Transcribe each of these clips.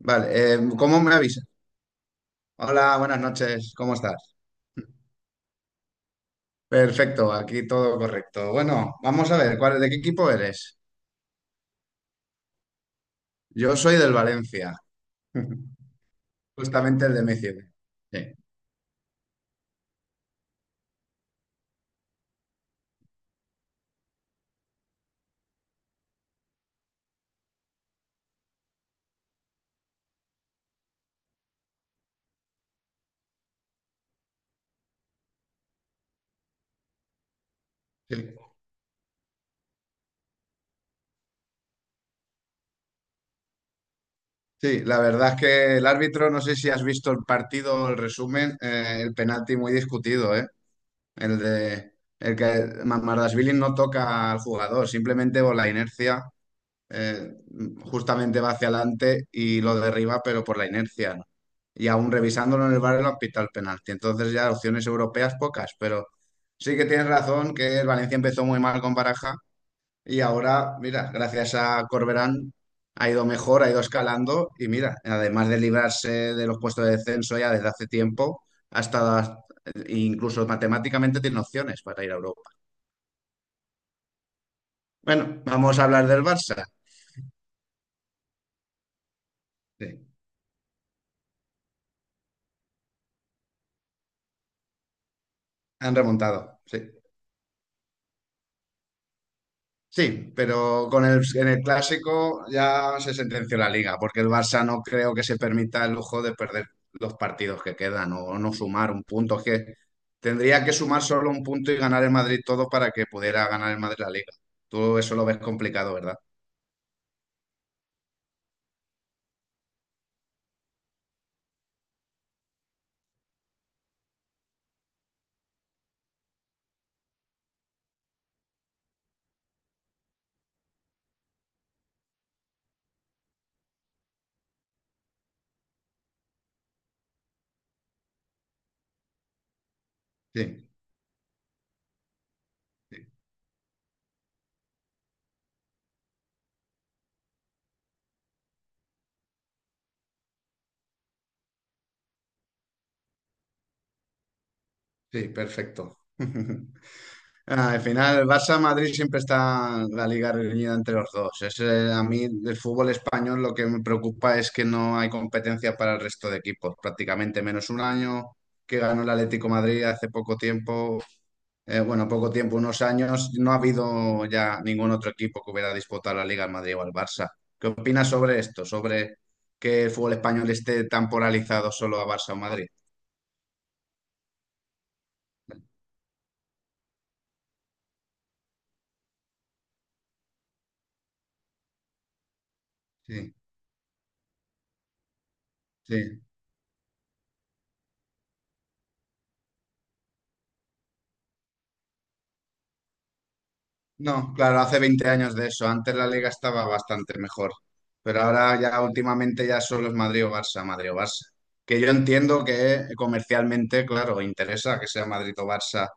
Vale, ¿cómo me avisas? Hola, buenas noches, ¿cómo estás? Perfecto, aquí todo correcto. Bueno, vamos a ver, ¿de qué equipo eres? Yo soy del Valencia, justamente el de Messi. Sí, sí. Sí, la verdad es que el árbitro, no sé si has visto el partido o el resumen, el penalti muy discutido, ¿eh? El de el que Mamardashvili no toca al jugador, simplemente por la inercia, eh, justamente va hacia adelante y lo derriba, pero por la inercia, ¿no? Y aún revisándolo en el VAR lo han pitado el penalti. Entonces ya opciones europeas pocas, pero sí que tienes razón que el Valencia empezó muy mal con Baraja y ahora, mira, gracias a Corberán ha ido mejor, ha ido escalando y mira, además de librarse de los puestos de descenso ya desde hace tiempo, ha estado incluso matemáticamente tiene opciones para ir a Europa. Bueno, vamos a hablar del Barça. Sí, han remontado, sí. Sí, pero con en el clásico ya se sentenció la liga, porque el Barça no creo que se permita el lujo de perder los partidos que quedan o no sumar un punto. Es que tendría que sumar solo un punto y ganar el Madrid todo para que pudiera ganar el Madrid la liga. Tú eso lo ves complicado, ¿verdad? Sí, sí, sí, perfecto. Ah, al final, Barça-Madrid siempre está la liga reñida entre los dos. Es, a mí del fútbol español lo que me preocupa es que no hay competencia para el resto de equipos. Prácticamente menos un año que ganó el Atlético Madrid hace poco tiempo, bueno, poco tiempo, unos años, no ha habido ya ningún otro equipo que hubiera disputado la liga al Madrid o al Barça. ¿Qué opinas sobre esto? Sobre que el fútbol español esté tan polarizado solo a Barça o Madrid. Sí, sí. No, claro, hace 20 años de eso. Antes la liga estaba bastante mejor. Pero ahora ya últimamente ya solo es Madrid o Barça, Madrid o Barça. Que yo entiendo que comercialmente, claro, interesa que sea Madrid o Barça,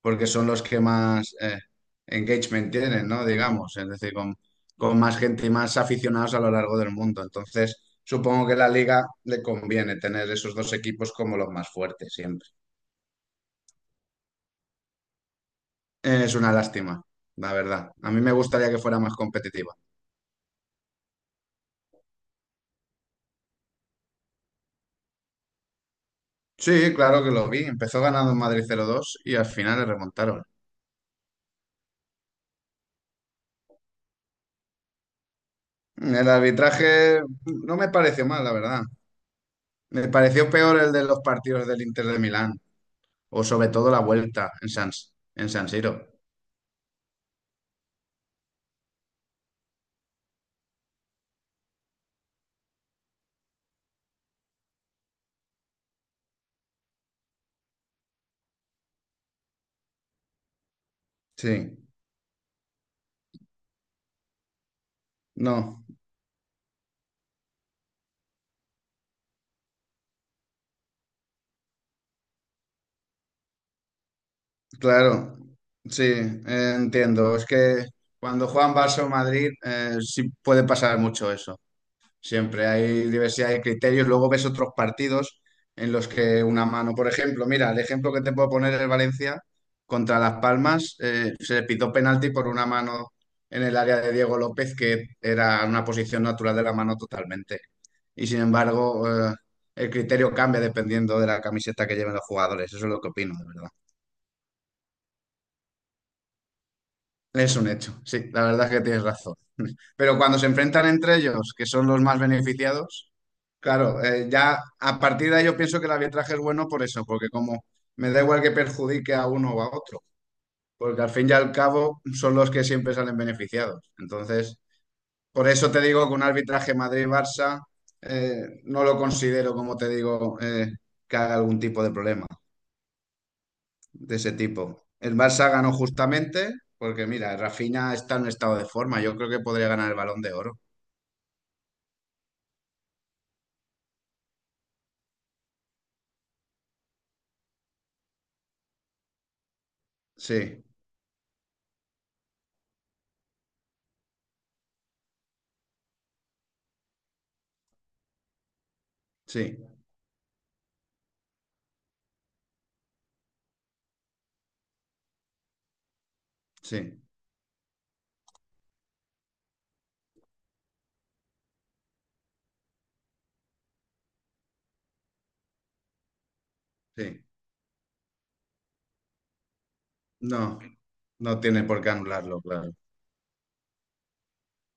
porque son los que más engagement tienen, ¿no? Digamos, es decir, con más gente y más aficionados a lo largo del mundo. Entonces, supongo que a la liga le conviene tener esos dos equipos como los más fuertes siempre. Es una lástima, la verdad. A mí me gustaría que fuera más competitiva. Sí, claro que lo vi. Empezó ganando en Madrid 0-2 y al final le remontaron. El arbitraje no me pareció mal, la verdad. Me pareció peor el de los partidos del Inter de Milán, o sobre todo la vuelta en en San Siro. Sí, no, claro, sí, entiendo. Es que cuando juegan Barça o Madrid, sí puede pasar mucho eso. Siempre hay diversidad de criterios. Luego ves otros partidos en los que una mano, por ejemplo, mira, el ejemplo que te puedo poner es Valencia contra Las Palmas. Se le pitó penalti por una mano en el área de Diego López, que era una posición natural de la mano totalmente. Y sin embargo, el criterio cambia dependiendo de la camiseta que lleven los jugadores. Eso es lo que opino, de verdad. Es un hecho. Sí, la verdad es que tienes razón. Pero cuando se enfrentan entre ellos, que son los más beneficiados. Claro, ya a partir de ahí yo pienso que el arbitraje es bueno por eso, porque como me da igual que perjudique a uno o a otro, porque al fin y al cabo son los que siempre salen beneficiados. Entonces, por eso te digo que un arbitraje Madrid-Barça no lo considero, como te digo, que haga algún tipo de problema de ese tipo. El Barça ganó justamente, porque mira, Rafinha está en un estado de forma, yo creo que podría ganar el Balón de Oro. Sí, sí, sí, sí. No, no tiene por qué anularlo, claro.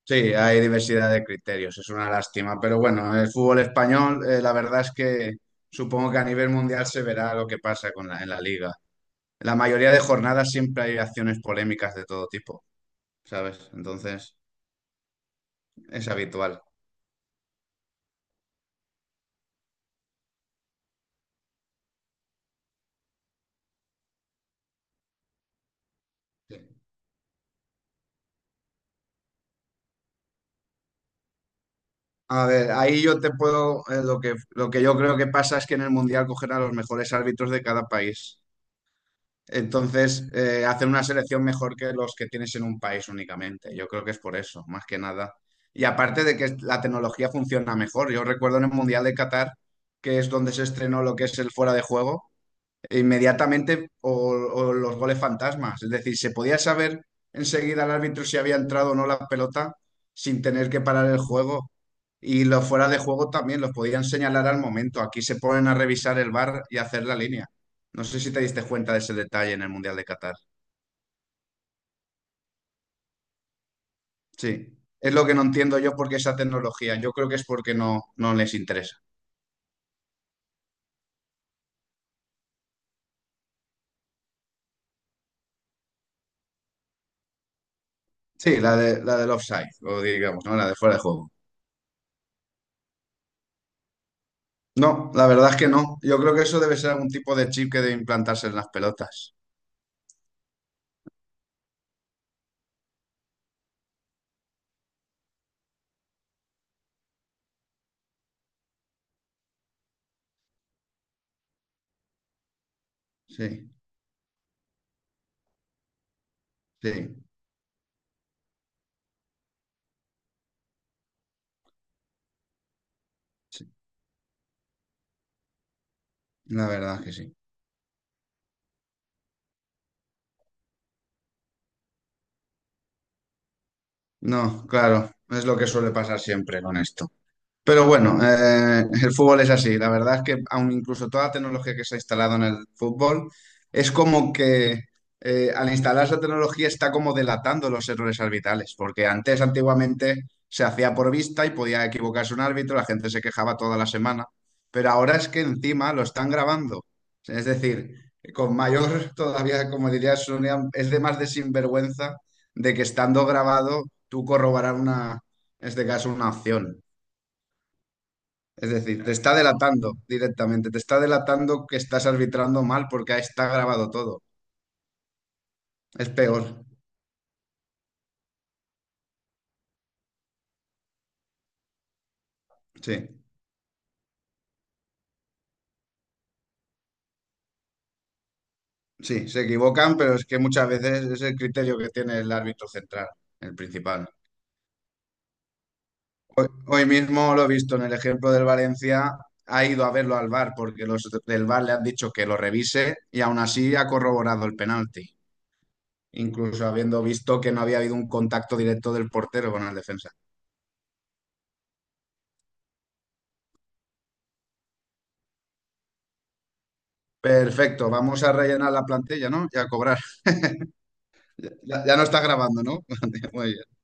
Sí, hay diversidad de criterios, es una lástima, pero bueno, el fútbol español, la verdad es que supongo que a nivel mundial se verá lo que pasa con en la liga. En la mayoría de jornadas siempre hay acciones polémicas de todo tipo, ¿sabes? Entonces, es habitual. Sí. A ver, ahí yo te puedo, lo que yo creo que pasa es que en el mundial cogerán a los mejores árbitros de cada país. Entonces, hacen una selección mejor que los que tienes en un país únicamente. Yo creo que es por eso, más que nada. Y aparte de que la tecnología funciona mejor. Yo recuerdo en el Mundial de Qatar, que es donde se estrenó lo que es el fuera de juego, inmediatamente o los goles fantasmas. Es decir, se podía saber enseguida al árbitro si había entrado o no la pelota sin tener que parar el juego. Y los fuera de juego también los podían señalar al momento. Aquí se ponen a revisar el VAR y a hacer la línea. No sé si te diste cuenta de ese detalle en el Mundial de Qatar. Sí, es lo que no entiendo yo porque esa tecnología. Yo creo que es porque no les interesa. Sí, la de, la del offside, o digamos, ¿no? La de fuera de juego. No, la verdad es que no. Yo creo que eso debe ser algún tipo de chip que debe implantarse en las pelotas. Sí, sí, sí. La verdad es que sí. No, claro, es lo que suele pasar siempre con esto. Pero bueno, el fútbol es así. La verdad es que aun incluso toda la tecnología que se ha instalado en el fútbol, es como que al instalar esa tecnología está como delatando los errores arbitrales, porque antes, antiguamente, se hacía por vista y podía equivocarse un árbitro, la gente se quejaba toda la semana, pero ahora es que encima lo están grabando. Es decir, con mayor, todavía, como diría Sonia, es de más de sinvergüenza de que estando grabado tú corroborar una, en este caso, una acción. Es decir, te está delatando directamente, te está delatando que estás arbitrando mal porque ahí está grabado todo. Es peor. Sí, sí, se equivocan, pero es que muchas veces es el criterio que tiene el árbitro central, el principal. Hoy mismo lo he visto en el ejemplo del Valencia, ha ido a verlo al VAR porque los del VAR le han dicho que lo revise y aún así ha corroborado el penalti, incluso habiendo visto que no había habido un contacto directo del portero con el defensa. Perfecto, vamos a rellenar la plantilla, ¿no? Y a cobrar. Ya, ya no está grabando, ¿no? Muy bien.